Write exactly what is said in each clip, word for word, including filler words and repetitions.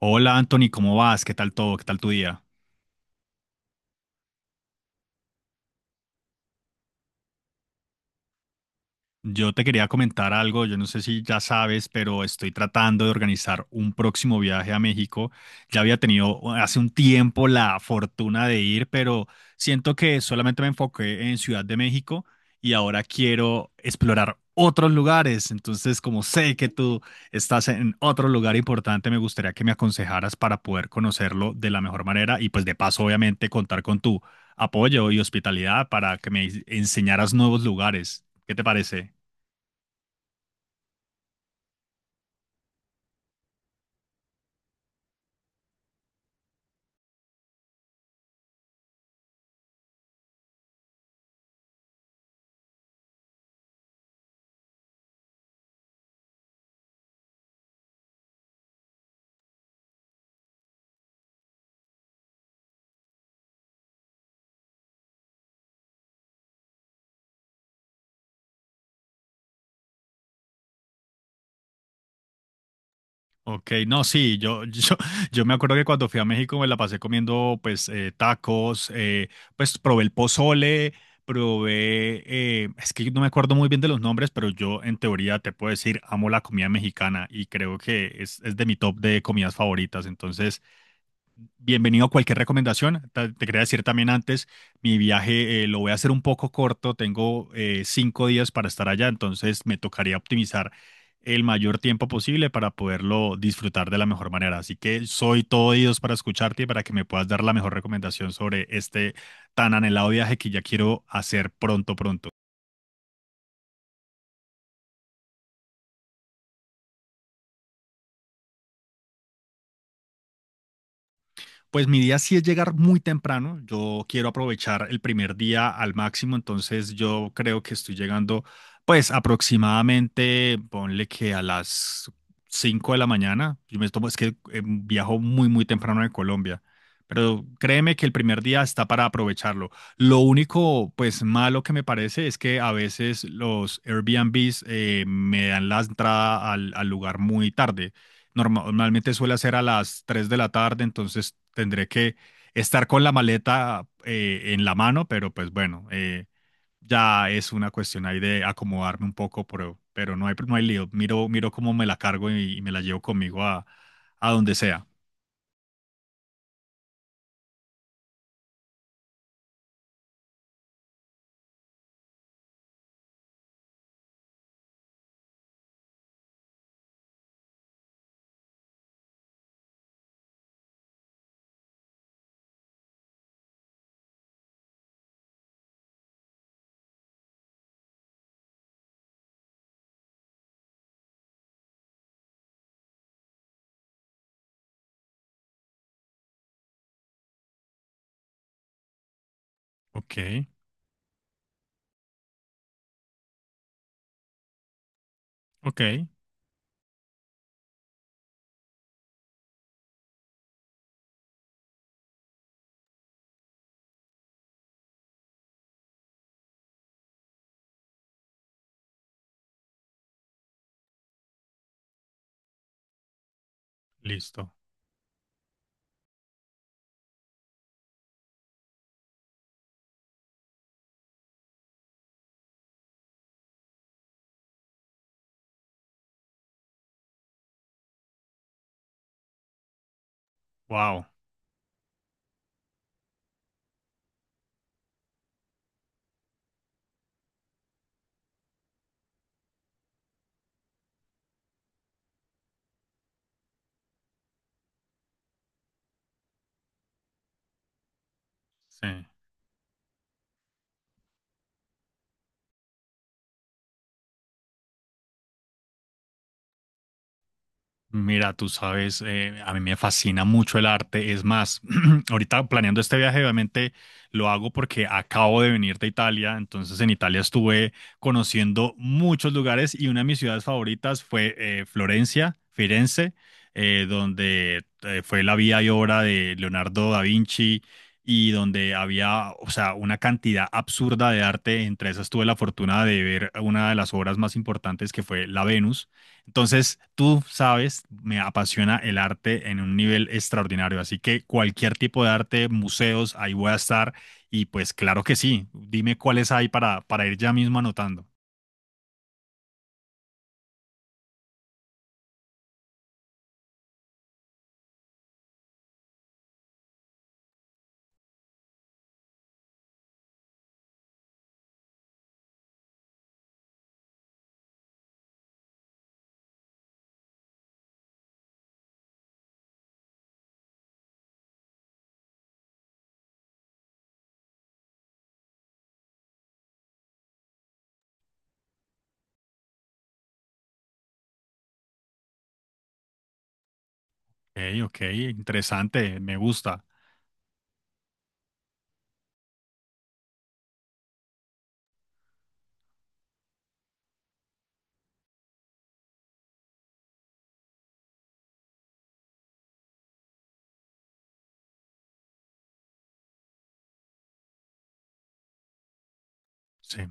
Hola Anthony, ¿cómo vas? ¿Qué tal todo? ¿Qué tal tu día? Yo te quería comentar algo, yo no sé si ya sabes, pero estoy tratando de organizar un próximo viaje a México. Ya había tenido hace un tiempo la fortuna de ir, pero siento que solamente me enfoqué en Ciudad de México y ahora quiero explorar otros lugares. Entonces, como sé que tú estás en otro lugar importante, me gustaría que me aconsejaras para poder conocerlo de la mejor manera y pues de paso, obviamente, contar con tu apoyo y hospitalidad para que me enseñaras nuevos lugares. ¿Qué te parece? Ok, no, sí, yo, yo, yo me acuerdo que cuando fui a México me la pasé comiendo pues eh, tacos, eh, pues probé el pozole, probé, eh, es que no me acuerdo muy bien de los nombres, pero yo en teoría te puedo decir, amo la comida mexicana y creo que es, es de mi top de comidas favoritas, entonces bienvenido a cualquier recomendación. Ta- Te quería decir también antes, mi viaje eh, lo voy a hacer un poco corto, tengo eh, cinco días para estar allá, entonces me tocaría optimizar el mayor tiempo posible para poderlo disfrutar de la mejor manera. Así que soy todo oídos para escucharte y para que me puedas dar la mejor recomendación sobre este tan anhelado viaje que ya quiero hacer pronto, pronto. Pues mi día sí es llegar muy temprano. Yo quiero aprovechar el primer día al máximo, entonces yo creo que estoy llegando, pues aproximadamente, ponle que a las cinco de la mañana. Yo me tomo, es que eh, viajo muy, muy temprano de Colombia. Pero créeme que el primer día está para aprovecharlo. Lo único, pues malo que me parece es que a veces los Airbnbs eh, me dan la entrada al, al lugar muy tarde normalmente suele hacer a las tres de la tarde, entonces tendré que estar con la maleta eh, en la mano, pero pues bueno, eh, ya es una cuestión ahí de acomodarme un poco, pero, pero no hay, no hay lío. Miro, miro cómo me la cargo y, y me la llevo conmigo a, a donde sea. Ok, ok, listo. Wow, sí. Mira, tú sabes, eh, a mí me fascina mucho el arte. Es más, ahorita planeando este viaje, obviamente lo hago porque acabo de venir de Italia. Entonces, en Italia estuve conociendo muchos lugares y una de mis ciudades favoritas fue eh, Florencia, Firenze, eh, donde eh, fue la vida y obra de Leonardo da Vinci y donde había, o sea, una cantidad absurda de arte. Entre esas tuve la fortuna de ver una de las obras más importantes que fue La Venus entonces, tú sabes, me apasiona el arte en un nivel extraordinario, así que cualquier tipo de arte, museos, ahí voy a estar y pues claro que sí, dime cuáles hay para, para ir ya mismo anotando. Ok, ok, interesante, me gusta. Sí.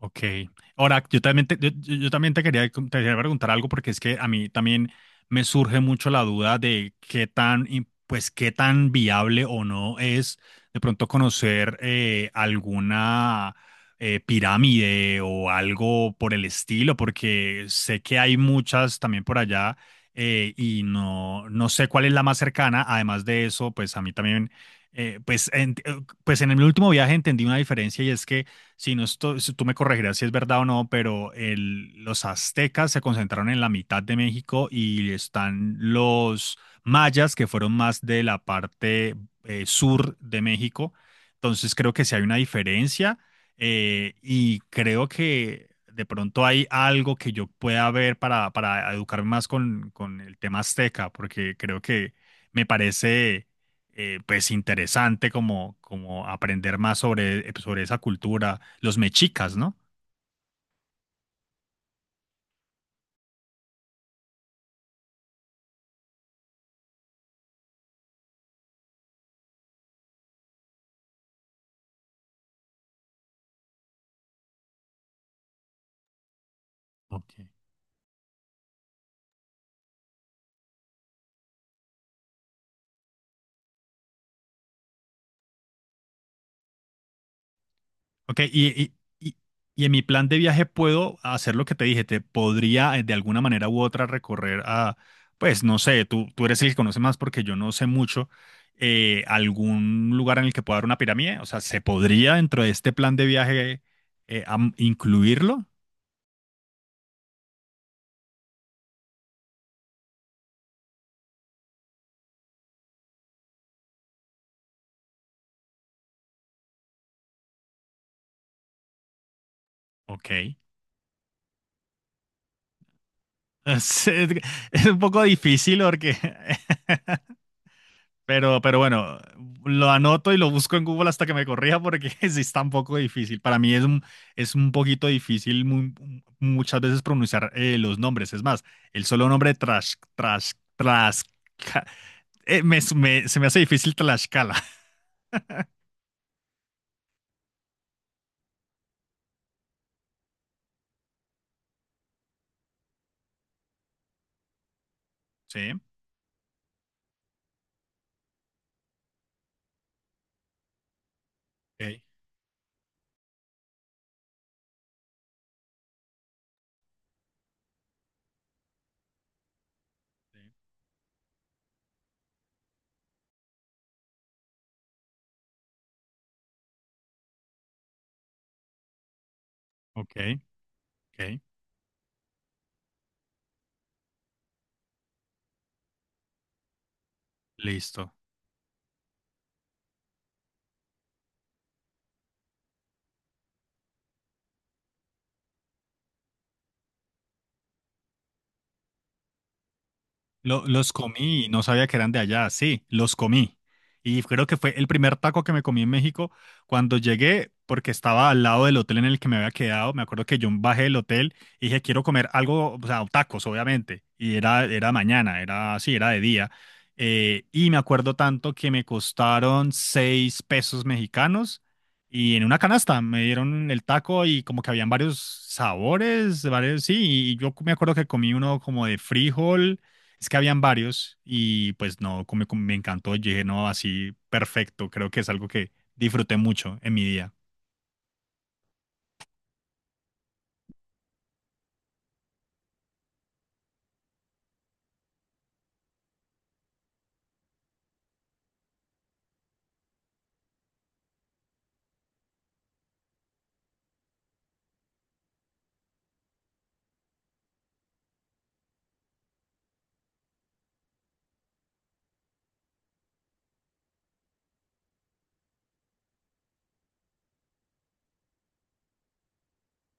Ok. Ahora, yo también te, yo, yo- yo también te quería, te quería, preguntar algo porque es que a mí también me surge mucho la duda de qué tan, im- pues, qué tan viable o no es de pronto conocer eh, alguna eh, pirámide o algo por el estilo, porque sé que hay muchas también por allá eh, y no, no sé cuál es la más cercana. Además de eso, pues a mí también, eh, pues, en, eh, pues en el último viaje entendí una diferencia y es que si, no estoy- si tú me corregirás si es verdad o no, pero el- los aztecas se concentraron en la mitad de México y están los mayas que fueron más de la parte eh, sur de México. Entonces creo que sí hay una diferencia, eh, y creo que de pronto hay algo que yo pueda ver para, para educarme más con, con el tema azteca, porque creo que me parece eh, pues interesante como, como aprender más sobre, sobre esa cultura los mechicas, ¿no? Ok. Ok, y, y, y- y en mi plan de viaje puedo hacer lo que te dije, te podría eh, de alguna manera u otra recorrer a, pues no sé, tú, tú eres el que conoce más porque yo no sé mucho, eh, algún lugar en el que pueda haber una pirámide, o sea, ¿se podría dentro de este plan de viaje eh, am- incluirlo? Ok. Es, es un poco difícil porque Pero, pero bueno, lo anoto y lo busco en Google hasta que me corrija porque sí está un poco difícil. Para mí es un, es un, poquito difícil mu- muchas veces pronunciar eh, los nombres. Es más, el solo nombre Trash, Trash, Trash, se me hace difícil Tlaxcala. Sí, ok, sí, ok, ok, listo. Lo- los comí y no sabía que eran de allá. Sí, los comí. Y creo que fue el primer taco que me comí en México cuando llegué, porque estaba al lado del hotel en el que me había quedado. Me acuerdo que yo bajé del hotel y dije, quiero comer algo, o sea, tacos, obviamente. Y era, era mañana, era, sí, era de día. Eh, y me acuerdo tanto que me costaron seis pesos mexicanos y en una canasta me dieron el taco y como que habían varios sabores, varios, sí. Y yo me acuerdo que comí uno como de frijol es que habían varios y pues no, como, como me encantó, yo dije, no, así perfecto, creo que es algo que disfruté mucho en mi día.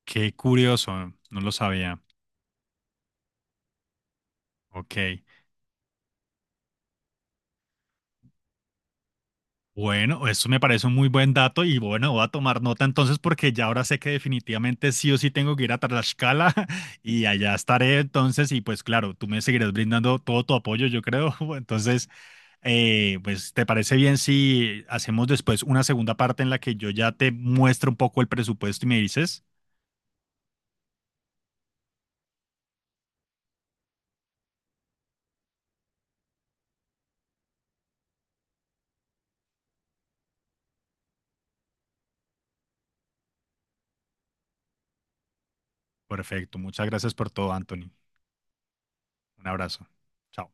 Qué curioso, no lo sabía. Ok, bueno, eso me parece un muy buen dato y bueno, voy a tomar nota entonces porque ya ahora sé que definitivamente sí o sí tengo que ir a Tlaxcala y allá estaré entonces y pues claro, tú me seguirás brindando todo tu apoyo, yo creo. Entonces, eh, pues, ¿te parece bien si hacemos después una segunda parte en la que yo ya te muestro un poco el presupuesto y me dices? Perfecto. Muchas gracias por todo, Anthony. Un abrazo. Chao.